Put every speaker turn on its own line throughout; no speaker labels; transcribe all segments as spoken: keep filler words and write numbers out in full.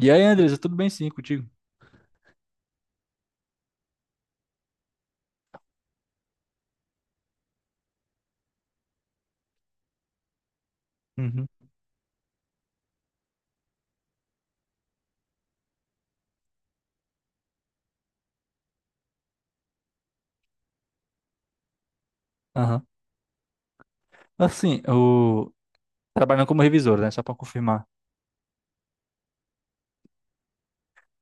E aí, Andresa, tudo bem sim contigo? Uhum. Aham. Assim, o... trabalhando como revisora, né? Só para confirmar.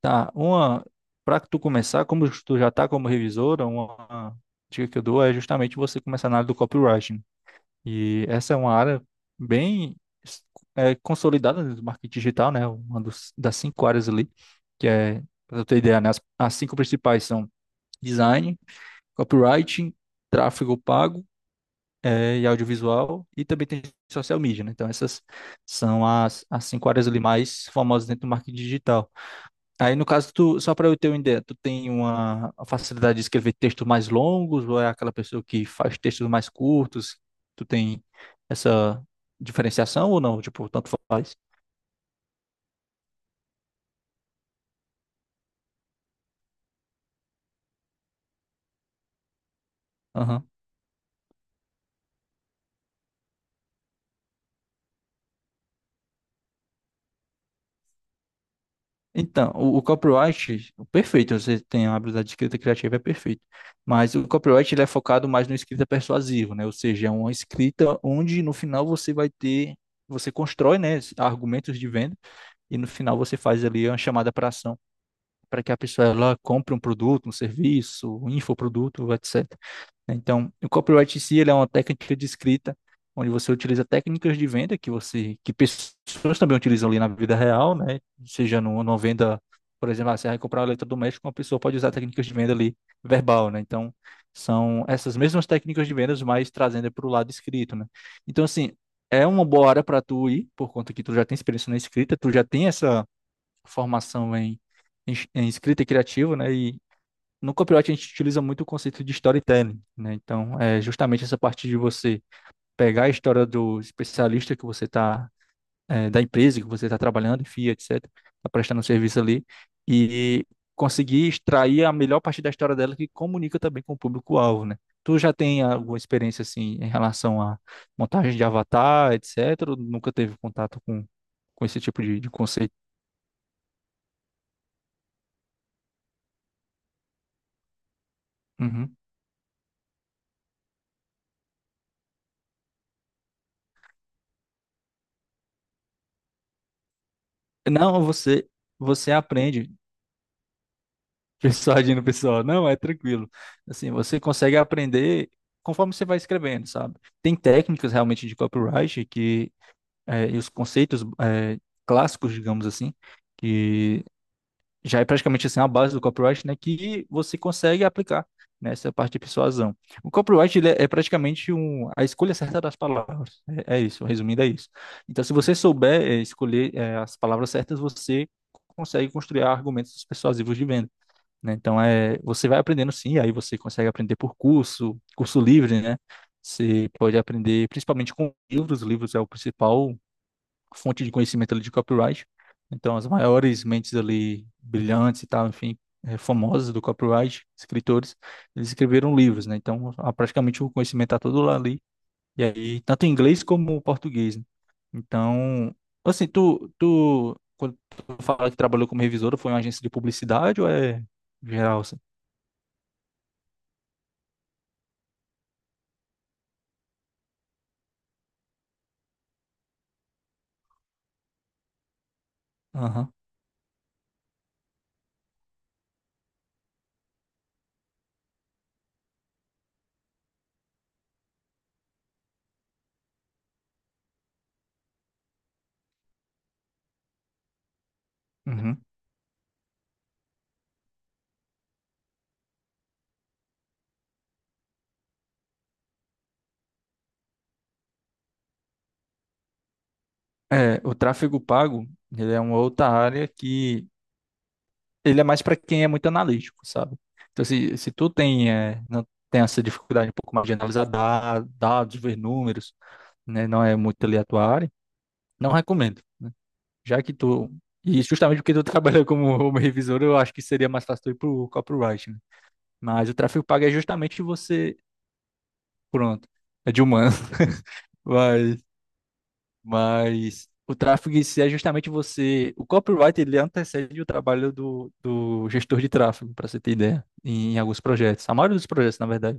Tá, uma. Para tu começar, como tu já tá como revisora, uma dica que eu dou é justamente você começar na área do copywriting. E essa é uma área bem é, consolidada do marketing digital, né? Uma dos, das cinco áreas ali, que é, para tu ter ideia, né? As, as cinco principais são design, copywriting, tráfego pago eh, e audiovisual, e também tem social media, né? Então, essas são as, as cinco áreas ali mais famosas dentro do marketing digital. Aí, no caso, tu, só para eu ter uma ideia, tu tem uma facilidade de escrever textos mais longos, ou é aquela pessoa que faz textos mais curtos? Tu tem essa diferenciação ou não? Tipo, tanto faz? Então, o, o copyright, perfeito, você tem a habilidade de escrita criativa, é perfeito. Mas o copyright ele é focado mais no escrita persuasivo, né? Ou seja, é uma escrita onde no final você vai ter, você constrói, né, argumentos de venda e no final você faz ali uma chamada para ação para que a pessoa ela compre um produto, um serviço, um infoproduto, etc, né? Então, o copyright em si, ele é uma técnica de escrita onde você utiliza técnicas de venda que você que pessoas também utilizam ali na vida real, né? Seja numa, numa venda, por exemplo, ah, você vai comprar um eletrodoméstico, uma pessoa pode usar técnicas de venda ali verbal, né? Então, são essas mesmas técnicas de vendas, mas trazendo para o lado escrito, né? Então, assim, é uma boa área para tu ir, por conta que tu já tem experiência na escrita, tu já tem essa formação em em, em escrita criativa, né? E no copywriting a gente utiliza muito o conceito de storytelling, né? Então, é justamente essa parte de você pegar a história do especialista que você está, é, da empresa que você está trabalhando, enfim, etecetera, está prestando serviço ali, e conseguir extrair a melhor parte da história dela que comunica também com o público-alvo, né? Tu já tem alguma experiência, assim, em relação à montagem de avatar, etecetera, ou nunca teve contato com, com esse tipo de, de conceito? Uhum. Não, você, você aprende. Pessoal agindo, pessoal, não, é tranquilo. Assim, você consegue aprender conforme você vai escrevendo, sabe? Tem técnicas realmente de copyright que, eh, e os conceitos eh, clássicos, digamos assim, que já é praticamente assim a base do copyright, né? Que você consegue aplicar nessa parte de persuasão. O copyright ele é, é praticamente um, a escolha certa das palavras. É, é isso, resumindo, é isso. Então, se você souber eh, escolher eh, as palavras certas, você consegue construir argumentos persuasivos de venda, né? Então é, você vai aprendendo sim, aí você consegue aprender por curso, curso livre, né? Você pode aprender principalmente com livros, livros é o principal fonte de conhecimento ali de copyright. Então as maiores mentes ali brilhantes e tal, enfim, eh, famosas do copyright, escritores, eles escreveram livros, né? Então a- praticamente o conhecimento está todo lá ali. E aí tanto em inglês como em português, né? Então, assim, tu, tu quando tu fala que trabalhou como revisora, foi em uma agência de publicidade ou é geral, assim? Aham, uhum. É, o tráfego pago, ele é uma outra área que ele é mais para quem é muito analítico, sabe? Então, se, se tu tem, é, não tem essa dificuldade um pouco mais de analisar da- dados, ver números, né? Não é muito ali a tua área, não recomendo. Já que tu, e justamente porque tu trabalha como, como revisor, eu acho que seria mais fácil tu ir pro copywriting, né? Mas o tráfego pago é justamente você, pronto, é de humano. Mas o tráfego em si é justamente você. O copyright ele antecede o trabalho do, do gestor de tráfego, para você ter ideia, em alguns projetos. A maioria dos projetos, na verdade.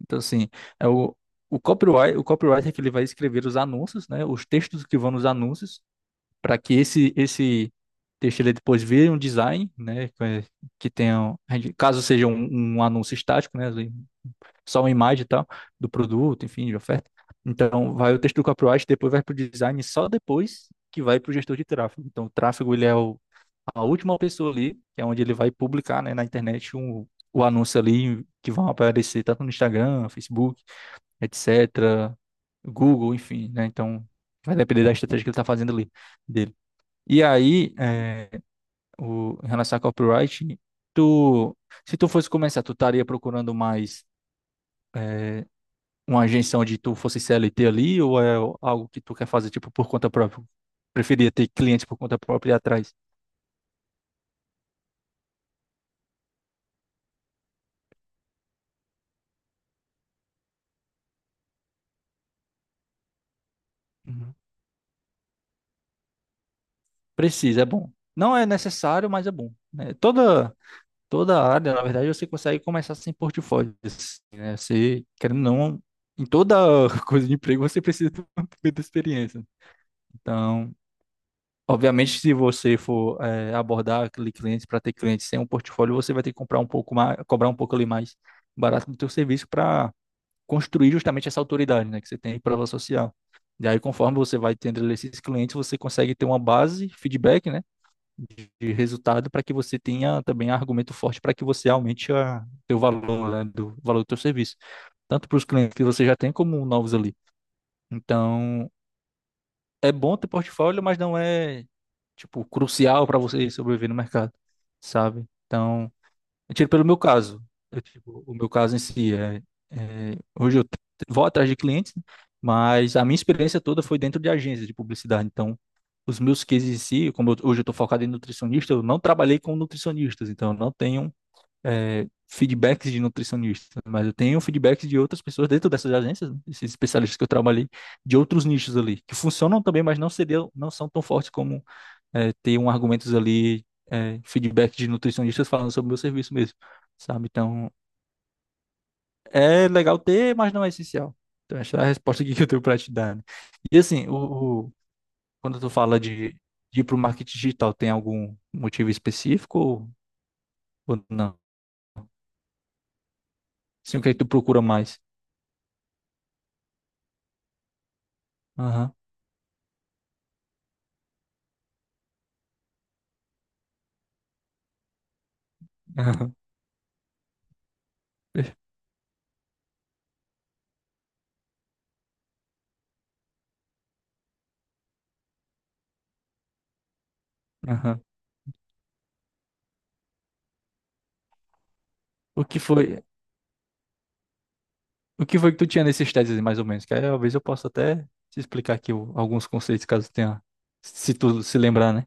Então, assim, é o, o copyright, o copywriter que ele vai escrever os anúncios, né? Os textos que vão nos anúncios, para que esse, esse texto ele depois vire um design, né? Que que tenha, Caso seja um, um anúncio estático, né? Só uma imagem e tal do produto, enfim, de oferta. Então, vai o texto do copyright, depois vai para o design, e só depois que vai para o gestor de tráfego. Então, o tráfego, ele é o, a última pessoa ali, que é onde ele vai publicar, né, na internet um, o anúncio ali que vão aparecer tanto no Instagram, Facebook, etecetera, Google, enfim, né? Então, vai depender da estratégia que ele está fazendo ali, dele. E aí, é, o, em relação a copyright, tu, se tu fosse começar, tu estaria procurando mais É, uma agência onde tu fosse C L T ali ou é algo que tu quer fazer tipo por conta própria? Preferia ter clientes por conta própria e ir atrás. Uhum. Precisa, é bom. Não é necessário, mas é bom, né? Toda toda área, na verdade, você consegue começar sem portfólio, assim, né? Você querendo ou não em toda coisa de emprego você precisa de uma primeira experiência. Então, obviamente, se você for eh, abordar aquele cliente para ter cliente sem um portfólio, você vai ter que comprar um pouco mais, cobrar um pouco ali mais barato do teu serviço para construir justamente essa autoridade, né, que você tem em prova social. E aí, conforme você vai tendo esses clientes, você consegue ter uma base, feedback, né, de, de resultado para que você tenha também argumento forte para que você aumente a teu valor, né, do valor do teu serviço, tanto para os clientes que você já tem como novos ali. Então, é bom ter portfólio, mas não é tipo crucial para você sobreviver no mercado, sabe? Então, eu tiro pelo meu caso. Eu, tipo, o meu caso em si é, é- hoje eu t- vou atrás de clientes, né? Mas a minha experiência toda foi dentro de agências de publicidade. Então, os meus cases em si, como eu- hoje eu estou focado em nutricionista, eu não trabalhei com nutricionistas, então eu não tenho é, feedbacks de nutricionistas, mas eu tenho feedbacks de outras pessoas dentro dessas agências, né? Esses especialistas que eu trabalhei, de outros nichos ali, que funcionam também, mas não seriam, não são tão fortes como é, ter um argumentos ali, é, feedback de nutricionistas falando sobre o meu serviço mesmo, sabe? Então, é legal ter, mas não é essencial. Então, essa é a resposta aqui que eu tenho para te dar, né? E assim, o, o- quando tu fala de, de ir para o marketing digital, tem algum motivo específico ou, ou não? Sim, o que é que tu procura mais? Aham, aham, per- aham. O que foi, o que foi que tu tinha nesses testes, aí, mais ou menos? Que aí, talvez eu possa até te explicar aqui o- alguns conceitos, caso tenha, se tu se lembrar, né?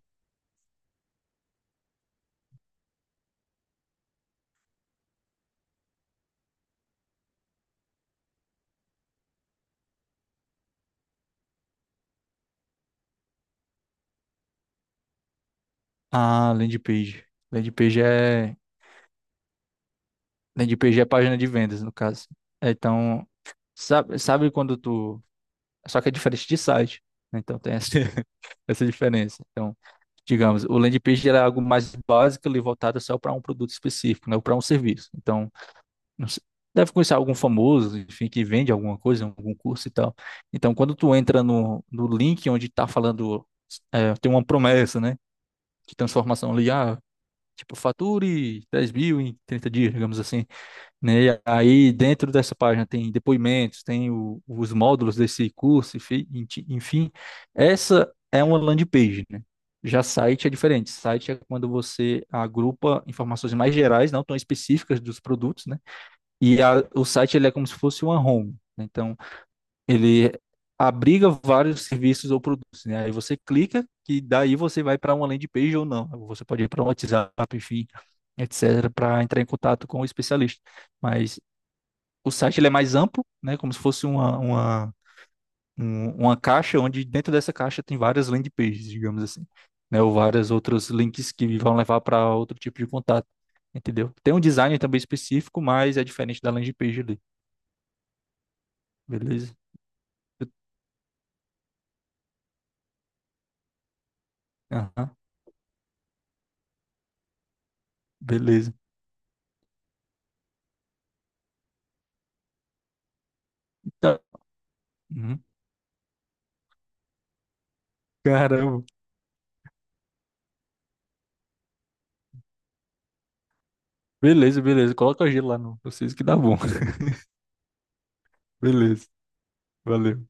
Ah, landing page. Landing page é, Landing page é página de vendas, no caso. É, então, sabe, sabe quando tu. Só que é diferente de site, né? Então tem essa, essa diferença. Então, digamos, o landing page era algo mais básico ali voltado só para um produto específico, né? Ou para um serviço. Então, não sei- deve conhecer algum famoso, enfim, que vende alguma coisa, algum curso e tal. Então, quando tu entra no, no link onde está falando, é, tem uma promessa, né? De transformação ali, ah, tipo, fature dez mil em trinta dias, digamos assim, né? E aí dentro dessa página tem depoimentos, tem o- os módulos desse curso, enfim, enti- enfim. Essa é uma landing page, né? Já site é diferente. Site é quando você agrupa informações mais gerais, não tão específicas dos produtos, né? E a- o site ele é como se fosse uma home, né? Então, ele abriga vários serviços ou produtos, né? Aí você clica que daí você vai para uma landing page ou não. Você pode ir para um WhatsApp, enfim, etc., para entrar em contato com o especialista. Mas o site ele é mais amplo, né? Como se fosse uma, uma, um- uma caixa onde dentro dessa caixa tem várias landing pages, digamos assim, né? Ou vários outros links que vão levar para outro tipo de contato, entendeu? Tem um design também específico, mas é diferente da landing page ali, beleza? Eu- Aham, beleza. Então, uhum. Caramba. Beleza, beleza. Coloca o gelo lá no vocês que dá bom. Beleza. Valeu.